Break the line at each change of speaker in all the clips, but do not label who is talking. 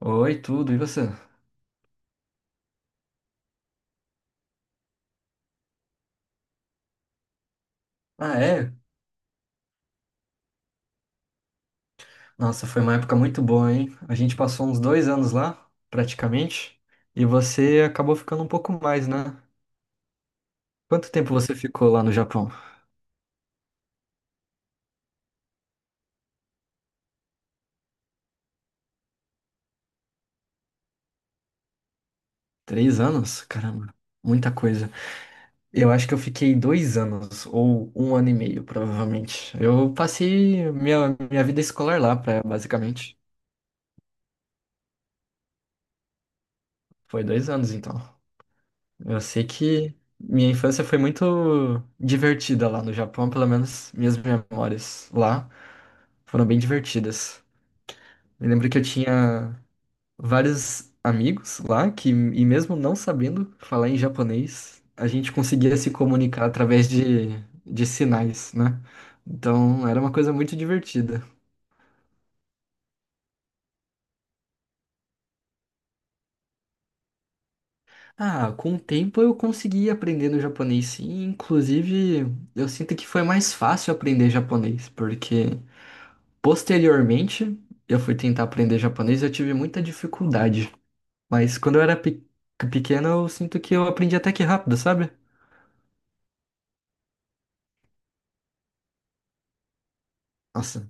Oi, tudo, e você? Ah, é? Nossa, foi uma época muito boa, hein? A gente passou uns 2 anos lá, praticamente, e você acabou ficando um pouco mais, né? Quanto tempo você ficou lá no Japão? 3 anos? Caramba, muita coisa. Eu acho que eu fiquei 2 anos, ou um ano e meio, provavelmente. Eu passei minha vida escolar lá, pra, basicamente. Foi 2 anos, então. Eu sei que minha infância foi muito divertida lá no Japão, pelo menos minhas memórias lá. Foram bem divertidas. Me lembro que eu tinha vários amigos lá que, e mesmo não sabendo falar em japonês, a gente conseguia se comunicar através de sinais, né? Então era uma coisa muito divertida. Ah, com o tempo eu consegui aprender no japonês, sim. Inclusive, eu sinto que foi mais fácil aprender japonês, porque posteriormente eu fui tentar aprender japonês e eu tive muita dificuldade. Mas quando eu era pequeno, eu sinto que eu aprendi até que rápido, sabe? Nossa.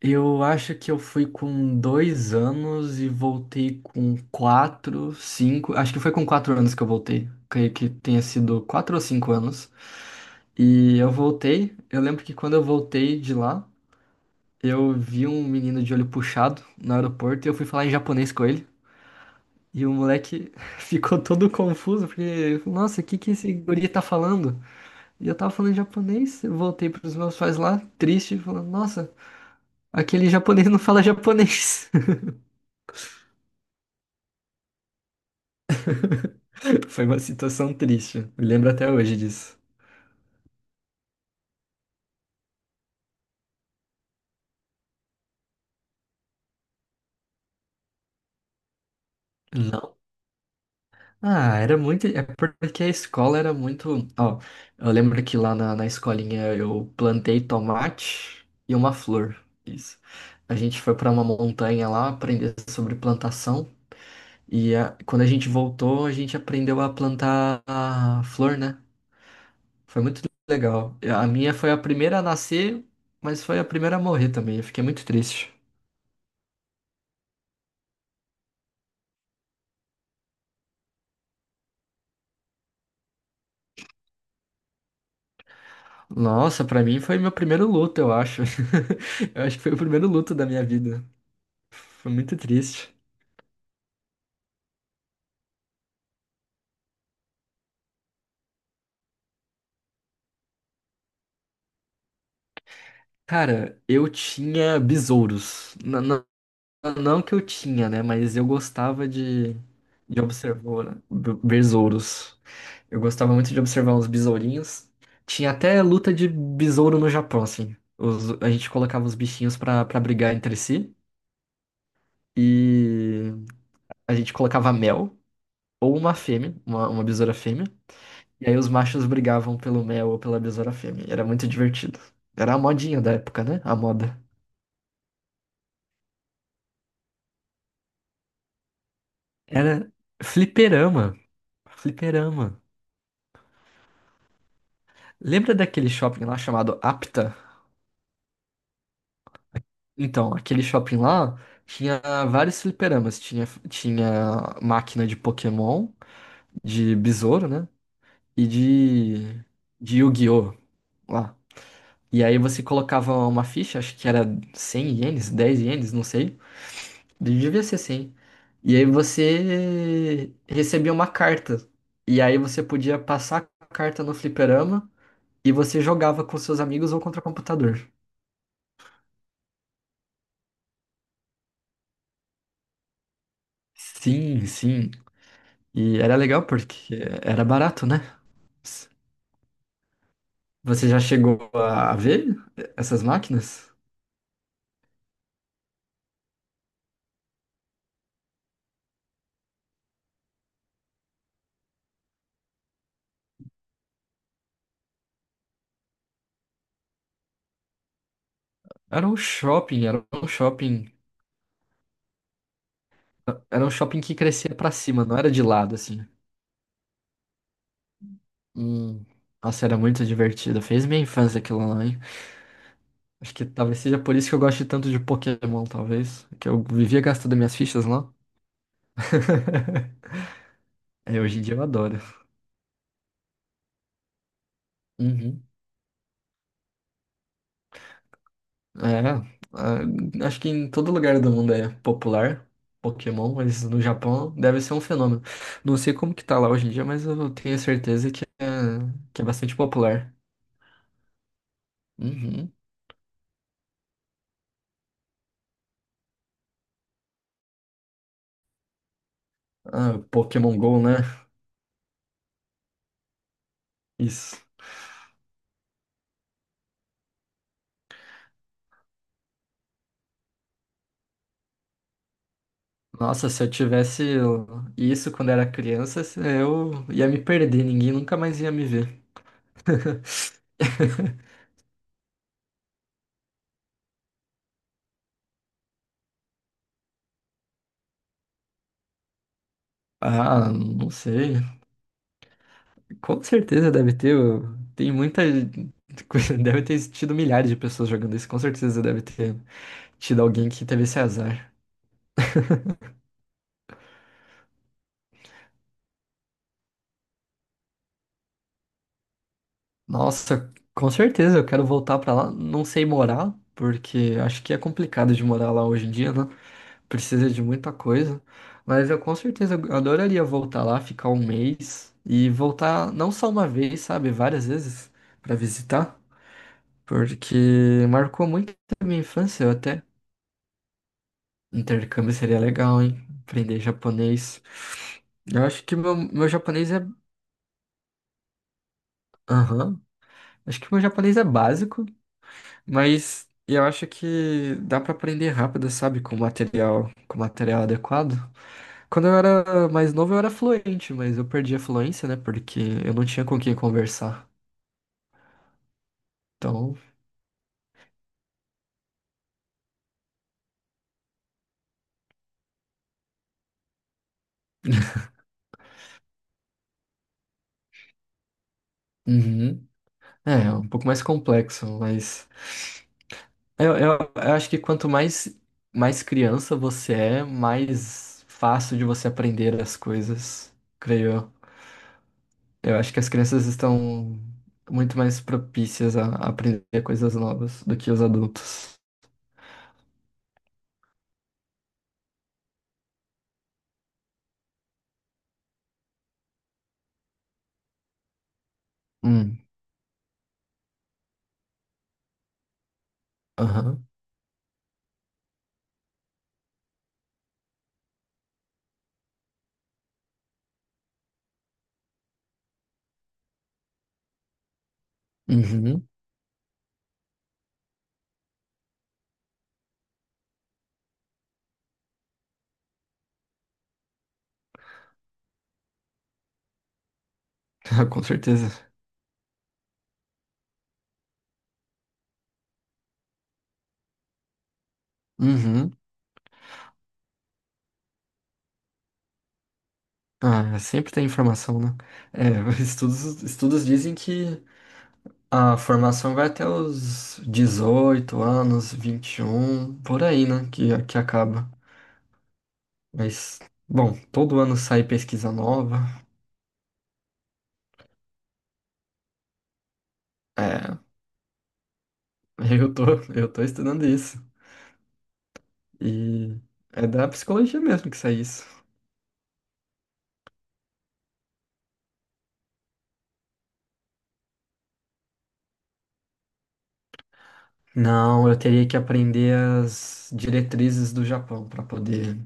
Eu acho que eu fui com 2 anos e voltei com quatro, cinco. Acho que foi com 4 anos que eu voltei. Creio que tenha sido 4 ou 5 anos. E eu voltei. Eu lembro que quando eu voltei de lá, eu vi um menino de olho puxado no aeroporto e eu fui falar em japonês com ele. E o moleque ficou todo confuso, porque, nossa, o que que esse guri tá falando? E eu tava falando japonês, eu voltei pros meus pais lá, triste, falando, nossa, aquele japonês não fala japonês. Foi uma situação triste, me lembro até hoje disso. Não. Ah, era muito. É porque a escola era muito. Ó, eu lembro que lá na, na escolinha eu plantei tomate e uma flor. Isso. A gente foi pra uma montanha lá aprender sobre plantação. E quando a gente voltou, a gente aprendeu a plantar a flor, né? Foi muito legal. A minha foi a primeira a nascer, mas foi a primeira a morrer também. Eu fiquei muito triste. Nossa, pra mim foi meu primeiro luto, eu acho. Eu acho que foi o primeiro luto da minha vida. Foi muito triste. Cara, eu tinha besouros. Não, que eu tinha, né? Mas eu gostava de observar né? Besouros. Eu gostava muito de observar uns besourinhos. Tinha até luta de besouro no Japão, assim. A gente colocava os bichinhos pra brigar entre si. E a gente colocava mel ou uma fêmea, uma besoura fêmea. E aí os machos brigavam pelo mel ou pela besoura fêmea. Era muito divertido. Era a modinha da época, né? A moda. Era fliperama. Fliperama. Lembra daquele shopping lá chamado Apta? Então, aquele shopping lá tinha vários fliperamas. Tinha, tinha máquina de Pokémon, de besouro, né? E de Yu-Gi-Oh! Lá. E aí você colocava uma ficha, acho que era 100 ienes, 10 ienes, não sei. Devia ser 100. E aí você recebia uma carta. E aí você podia passar a carta no fliperama e você jogava com seus amigos ou contra o computador. Sim, sim. E era legal porque era barato, né? Você já chegou a ver essas máquinas? Era um shopping, era um shopping, era um shopping que crescia pra cima, não era de lado assim. Hum, Nossa, era muito divertido. Fez minha infância aquilo lá, hein? Acho que talvez seja por isso que eu gosto tanto de Pokémon, talvez. Que eu vivia gastando minhas fichas lá. É, hoje em dia eu adoro. Uhum. É, ah, acho que em todo lugar do mundo é popular Pokémon, mas no Japão deve ser um fenômeno. Não sei como que tá lá hoje em dia, mas eu tenho certeza que é bastante popular. Uhum. Ah, Pokémon Go, né? Isso. Nossa, se eu tivesse isso quando era criança, eu ia me perder, ninguém nunca mais ia me ver. Ah, não sei. Com certeza deve ter. Tem muita. Deve ter tido milhares de pessoas jogando isso. Com certeza deve ter tido alguém que teve esse azar. Nossa, com certeza eu quero voltar pra lá. Não sei morar, porque acho que é complicado de morar lá hoje em dia, né? Precisa de muita coisa, mas eu com certeza adoraria voltar lá, ficar um mês e voltar não só uma vez, sabe, várias vezes para visitar, porque marcou muito a minha infância, eu até intercâmbio seria legal, hein? Aprender japonês. Eu acho que meu japonês é, aham, acho que meu japonês é básico, mas eu acho que dá para aprender rápido, sabe, com material adequado. Quando eu era mais novo, eu era fluente, mas eu perdi a fluência, né? Porque eu não tinha com quem conversar. Então, uhum, é, um pouco mais complexo, mas eu acho que quanto mais, mais criança você é, mais fácil de você aprender as coisas, creio eu. Eu acho que as crianças estão muito mais propícias a aprender coisas novas do que os adultos. Hum, aham, uhum, com certeza. Uhum. Ah, sempre tem informação, né? É, estudos dizem que a formação vai até os 18 anos, 21, por aí, né? Que acaba. Mas, bom, todo ano sai pesquisa nova. É, eu tô, eu tô estudando isso. E é da psicologia mesmo que sai isso. Não, eu teria que aprender as diretrizes do Japão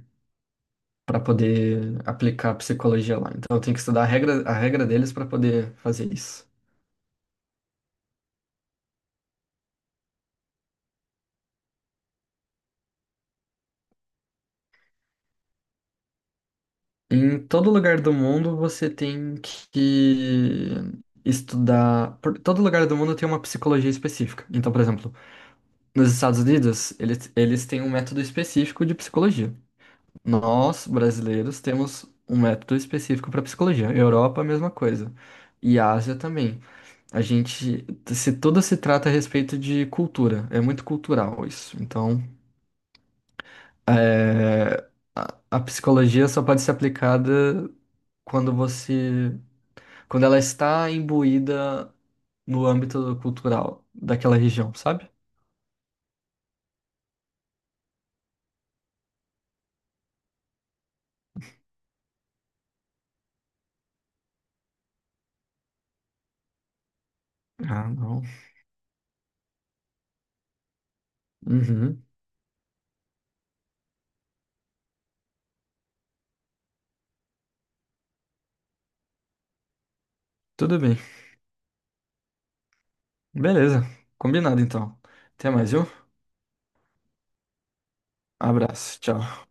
para poder aplicar a psicologia lá. Então eu tenho que estudar a regra deles para poder fazer isso. Em todo lugar do mundo você tem que estudar. Por todo lugar do mundo tem uma psicologia específica. Então, por exemplo, nos Estados Unidos, eles têm um método específico de psicologia. Nós, brasileiros, temos um método específico para psicologia. Europa, a mesma coisa. E Ásia também. A gente. Se tudo se trata a respeito de cultura. É muito cultural isso. Então, é, a psicologia só pode ser aplicada quando você quando ela está imbuída no âmbito cultural daquela região, sabe? Ah, não. Uhum. Tudo bem. Beleza. Combinado então. Até mais, viu? Abraço. Tchau.